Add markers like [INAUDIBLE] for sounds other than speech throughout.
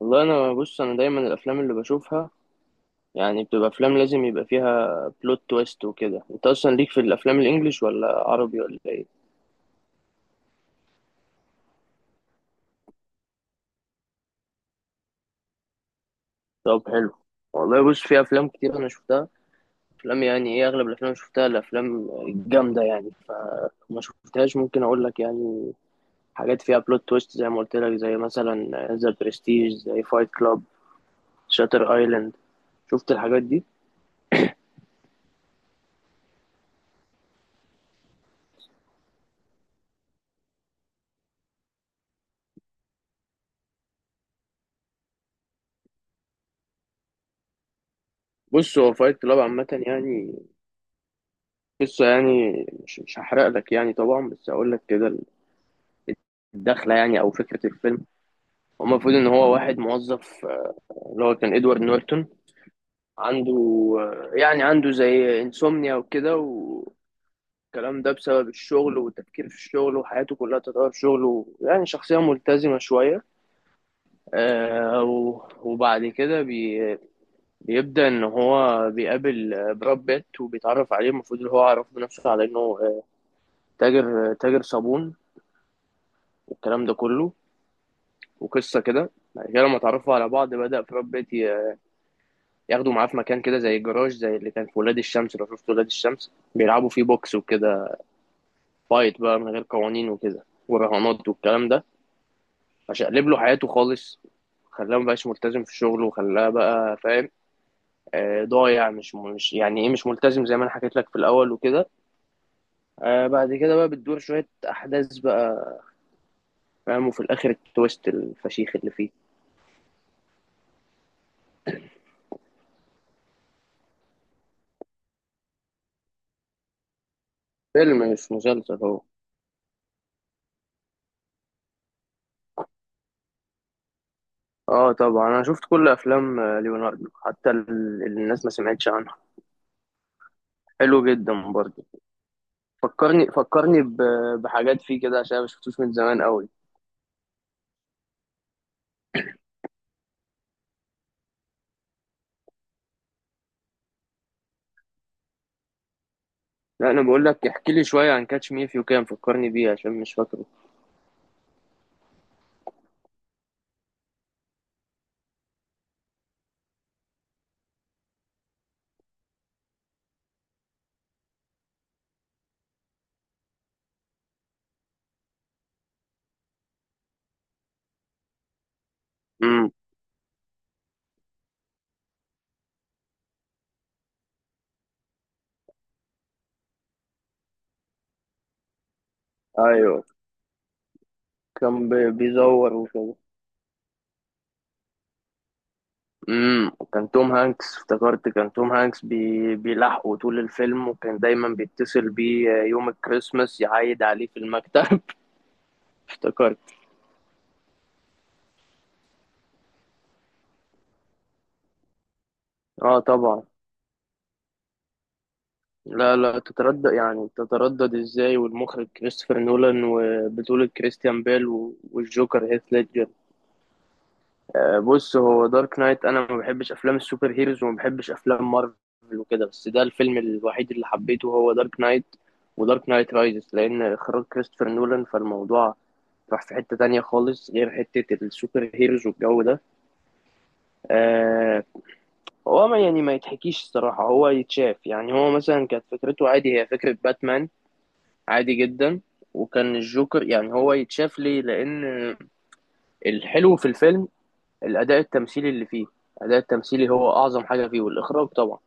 والله انا بص انا دايما الافلام اللي بشوفها يعني بتبقى افلام لازم يبقى فيها بلوت تويست وكده. انت اصلا ليك في الافلام الانجليش ولا عربي ولا ايه؟ طب حلو. والله بص، في افلام كتير انا شفتها، افلام يعني ايه، اغلب الافلام اللي شفتها الافلام الجامده يعني. ما شفتهاش ممكن اقول لك يعني حاجات فيها بلوت تويست زي ما قلت لك، زي مثلا ذا برستيج، زي فايت كلاب، شاتر ايلاند. شفت الحاجات دي؟ بص هو فايت كلاب عامه يعني قصه يعني مش هحرق لك يعني طبعا، بس اقول لك كده الدخله يعني او فكره الفيلم. هو المفروض ان هو واحد موظف اللي هو كان ادوارد نورتون، عنده يعني عنده زي انسومنيا وكده والكلام ده بسبب الشغل والتفكير في الشغل، وحياته كلها تتغير في شغله، يعني شخصيه ملتزمه شويه. آه، و- وبعد كده بيبدا ان هو بيقابل براد بيت وبيتعرف عليه. المفروض ان هو عرف بنفسه على انه تاجر، تاجر صابون والكلام ده كله. وقصه كده بعد كده لما اتعرفوا على بعض بدأ براد بيت ياخدوا معاه في مكان كده زي الجراج، زي اللي كان في ولاد الشمس، لو شفت ولاد الشمس بيلعبوا فيه بوكس وكده، فايت بقى من غير قوانين وكده ورهانات والكلام ده. فشقلب له حياته خالص، خلاه مبقاش ملتزم في شغله وخلاه بقى فاهم ضايع، مش يعني ايه، مش ملتزم زي ما انا حكيت لك في الاول وكده. بعد كده بقى بتدور شوية احداث بقى فاهم، وفي الاخر التويست الفشيخ اللي فيه. فيلم مش مسلسل هو. اه طبعا، انا شفت كل افلام ليوناردو، حتى اللي الناس ما سمعتش عنها، حلو جدا برضه. فكرني فكرني ب- بحاجات فيه كده عشان أنا ما شفتوش من زمان قوي. لا، انا بقول لك احكي لي شويه عن كاتش مي اف يو كان، فكرني بيه عشان مش فاكره. امم. ايوه كان بيزور وكده. امم، كان توم هانكس، افتكرت كان توم هانكس بيلاحقه طول الفيلم، وكان دايما بيتصل بيه يوم الكريسماس يعايد عليه في المكتب. [LAUGHS] افتكرت. اه طبعا. لا لا تتردد، يعني تتردد ازاي والمخرج كريستوفر نولان وبطولة كريستيان بيل و- والجوكر هيث ليدجر. بص هو دارك نايت، انا ما بحبش افلام السوبر هيروز وما بحبش افلام مارفل وكده، بس ده الفيلم الوحيد اللي حبيته هو دارك نايت ودارك نايت رايزز، لان اخراج كريستوفر نولان، فالموضوع راح في حتة تانية خالص غير حتة السوبر هيروز والجو ده. آه. هو ما يعني ما يتحكيش الصراحة، هو يتشاف يعني، هو مثلا كانت فكرته عادي، هي فكرة باتمان عادي جدا، وكان الجوكر يعني هو يتشاف ليه، لان الحلو في الفيلم الاداء التمثيلي اللي فيه. الاداء التمثيلي هو اعظم حاجه فيه، والاخراج طبعا،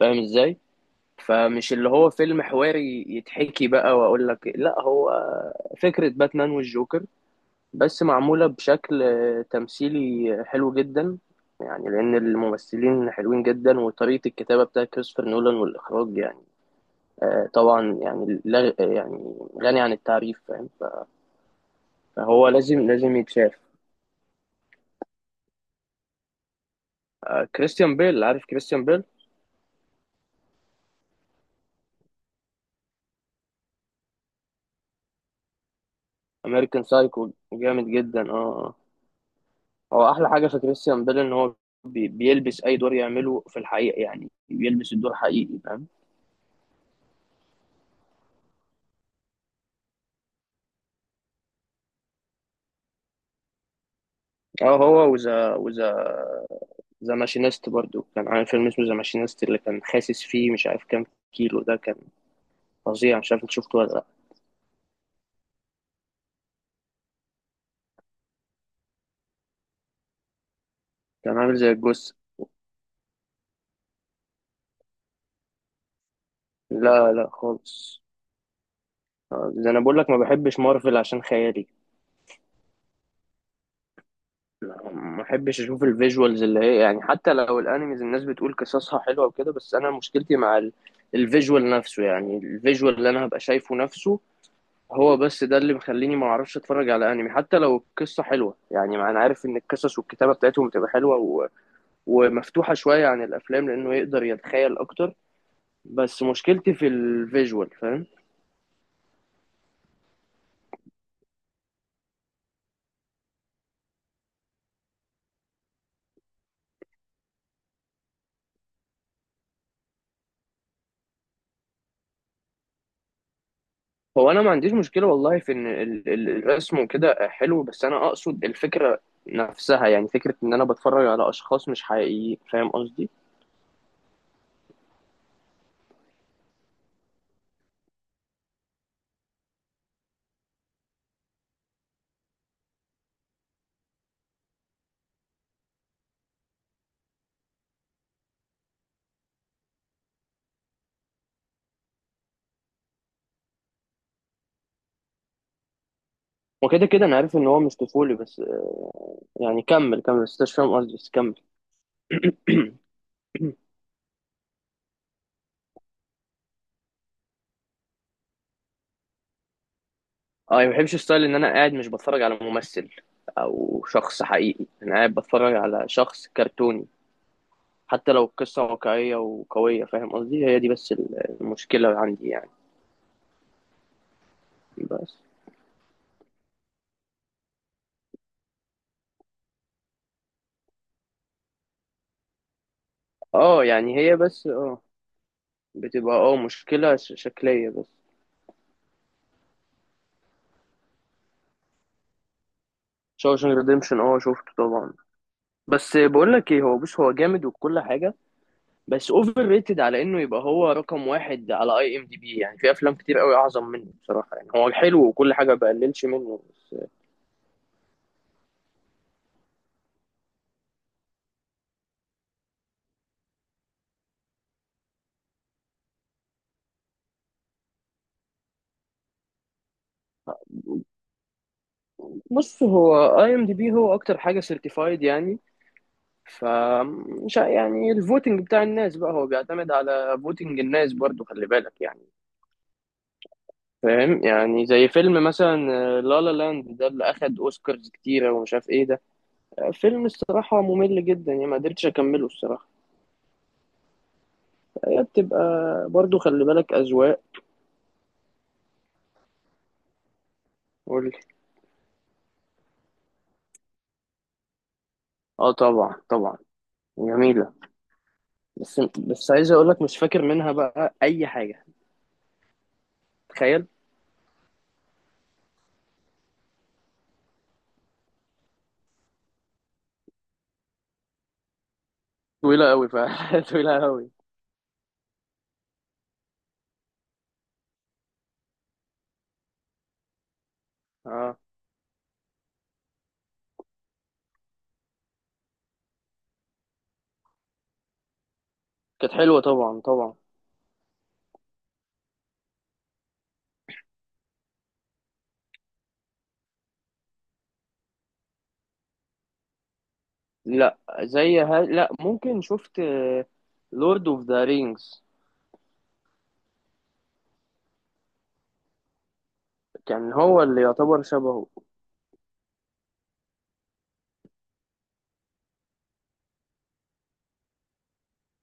فاهم ازاي. فمش اللي هو فيلم حواري يتحكي بقى واقول لك، لا هو فكره باتمان والجوكر بس معموله بشكل تمثيلي حلو جدا يعني، لان الممثلين حلوين جدا وطريقه الكتابه بتاعت كريستوفر نولان والاخراج يعني طبعا يعني، لا يعني غني عن التعريف، فاهم. فهو لازم لازم يتشاف. كريستيان بيل، عارف كريستيان بيل. امريكان سايكو جامد جدا، اه آه. هو احلى حاجه في كريستيان بيل ان هو بيلبس اي دور يعمله في الحقيقه، يعني بيلبس الدور حقيقي، فاهم. اه، هو وذا وذا ذا ماشينيست برضو، كان عامل فيلم اسمه ذا ماشينيست اللي كان خاسس فيه مش عارف كام كيلو، ده كان فظيع. مش عارف انت شفته ولا لا. كان عامل زي الجثه. لا لا خالص. ده انا بقول لك ما بحبش مارفل عشان خيالي، ما بحبش اشوف الفيجوالز اللي هي يعني. حتى لو الانيميز الناس بتقول قصصها حلوه وكده، بس انا مشكلتي مع الفيجوال نفسه، يعني الفيجوال اللي انا هبقى شايفه نفسه، هو بس ده اللي مخليني ما اعرفش اتفرج على انمي حتى لو القصه حلوه، يعني ما انا عارف ان القصص والكتابه بتاعتهم بتبقى حلوه و... ومفتوحه شويه عن الافلام لانه يقدر يتخيل اكتر، بس مشكلتي في الفيجوال، فاهم. هو انا ما عنديش مشكله والله في ان الرسم وكده حلو، بس انا اقصد الفكره نفسها، يعني فكره ان انا بتفرج على اشخاص مش حقيقيين، فاهم قصدي. وكده كده انا عارف ان هو مش طفولي، بس يعني كمل كمل، بس أنت مش فاهم قصدي، بس كمل. [CLEARS THROAT] اه، يعني ما بحبش ستايل ان انا قاعد مش بتفرج على ممثل او شخص حقيقي، انا قاعد بتفرج على شخص كرتوني. حتى لو القصة واقعية وقوية، فاهم قصدي، هي دي بس المشكلة عندي يعني. بس اه يعني هي بس اه بتبقى اه مشكلة شكلية بس. شوشنج ريديمشن اه شفته طبعا، بس بقول لك ايه، هو بص هو جامد وكل حاجة، بس اوفر ريتد على انه يبقى هو رقم واحد على اي ام دي بي، يعني في افلام كتير قوي اعظم منه بصراحة. يعني هو حلو وكل حاجة، بقللش منه. بص هو اي ام دي بي هو اكتر حاجه سيرتيفايد يعني، ف مش ع- يعني الفوتنج بتاع الناس بقى هو بيعتمد على فوتنج الناس برضو، خلي بالك يعني، فاهم. يعني زي فيلم مثلا لا لا لاند ده، اللي اخد اوسكارز كتيره ومش عارف ايه ده، فيلم الصراحه ممل جدا يعني، ما قدرتش اكمله الصراحه. هي بتبقى برضو خلي بالك اذواق. قول لي. اه طبعا طبعا، جميله. بس بس عايز اقول لك مش فاكر منها بقى اي حاجه. تخيل. طويله قوي ف [LAUGHS] طويله قوي. كانت حلوة طبعا طبعا. لا، زي لا ممكن شفت لورد اوف ذا رينجز. كان هو اللي يعتبر شبهه.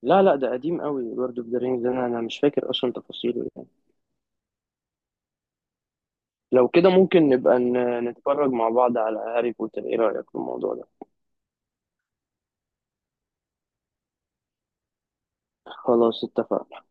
لا لا ده قديم قوي، لورد اوف ذا رينجز، انا انا مش فاكر اصلا تفاصيله يعني. لو كده ممكن نبقى نتفرج مع بعض على هاري بوتر، ايه رأيك في الموضوع ده؟ خلاص اتفقنا.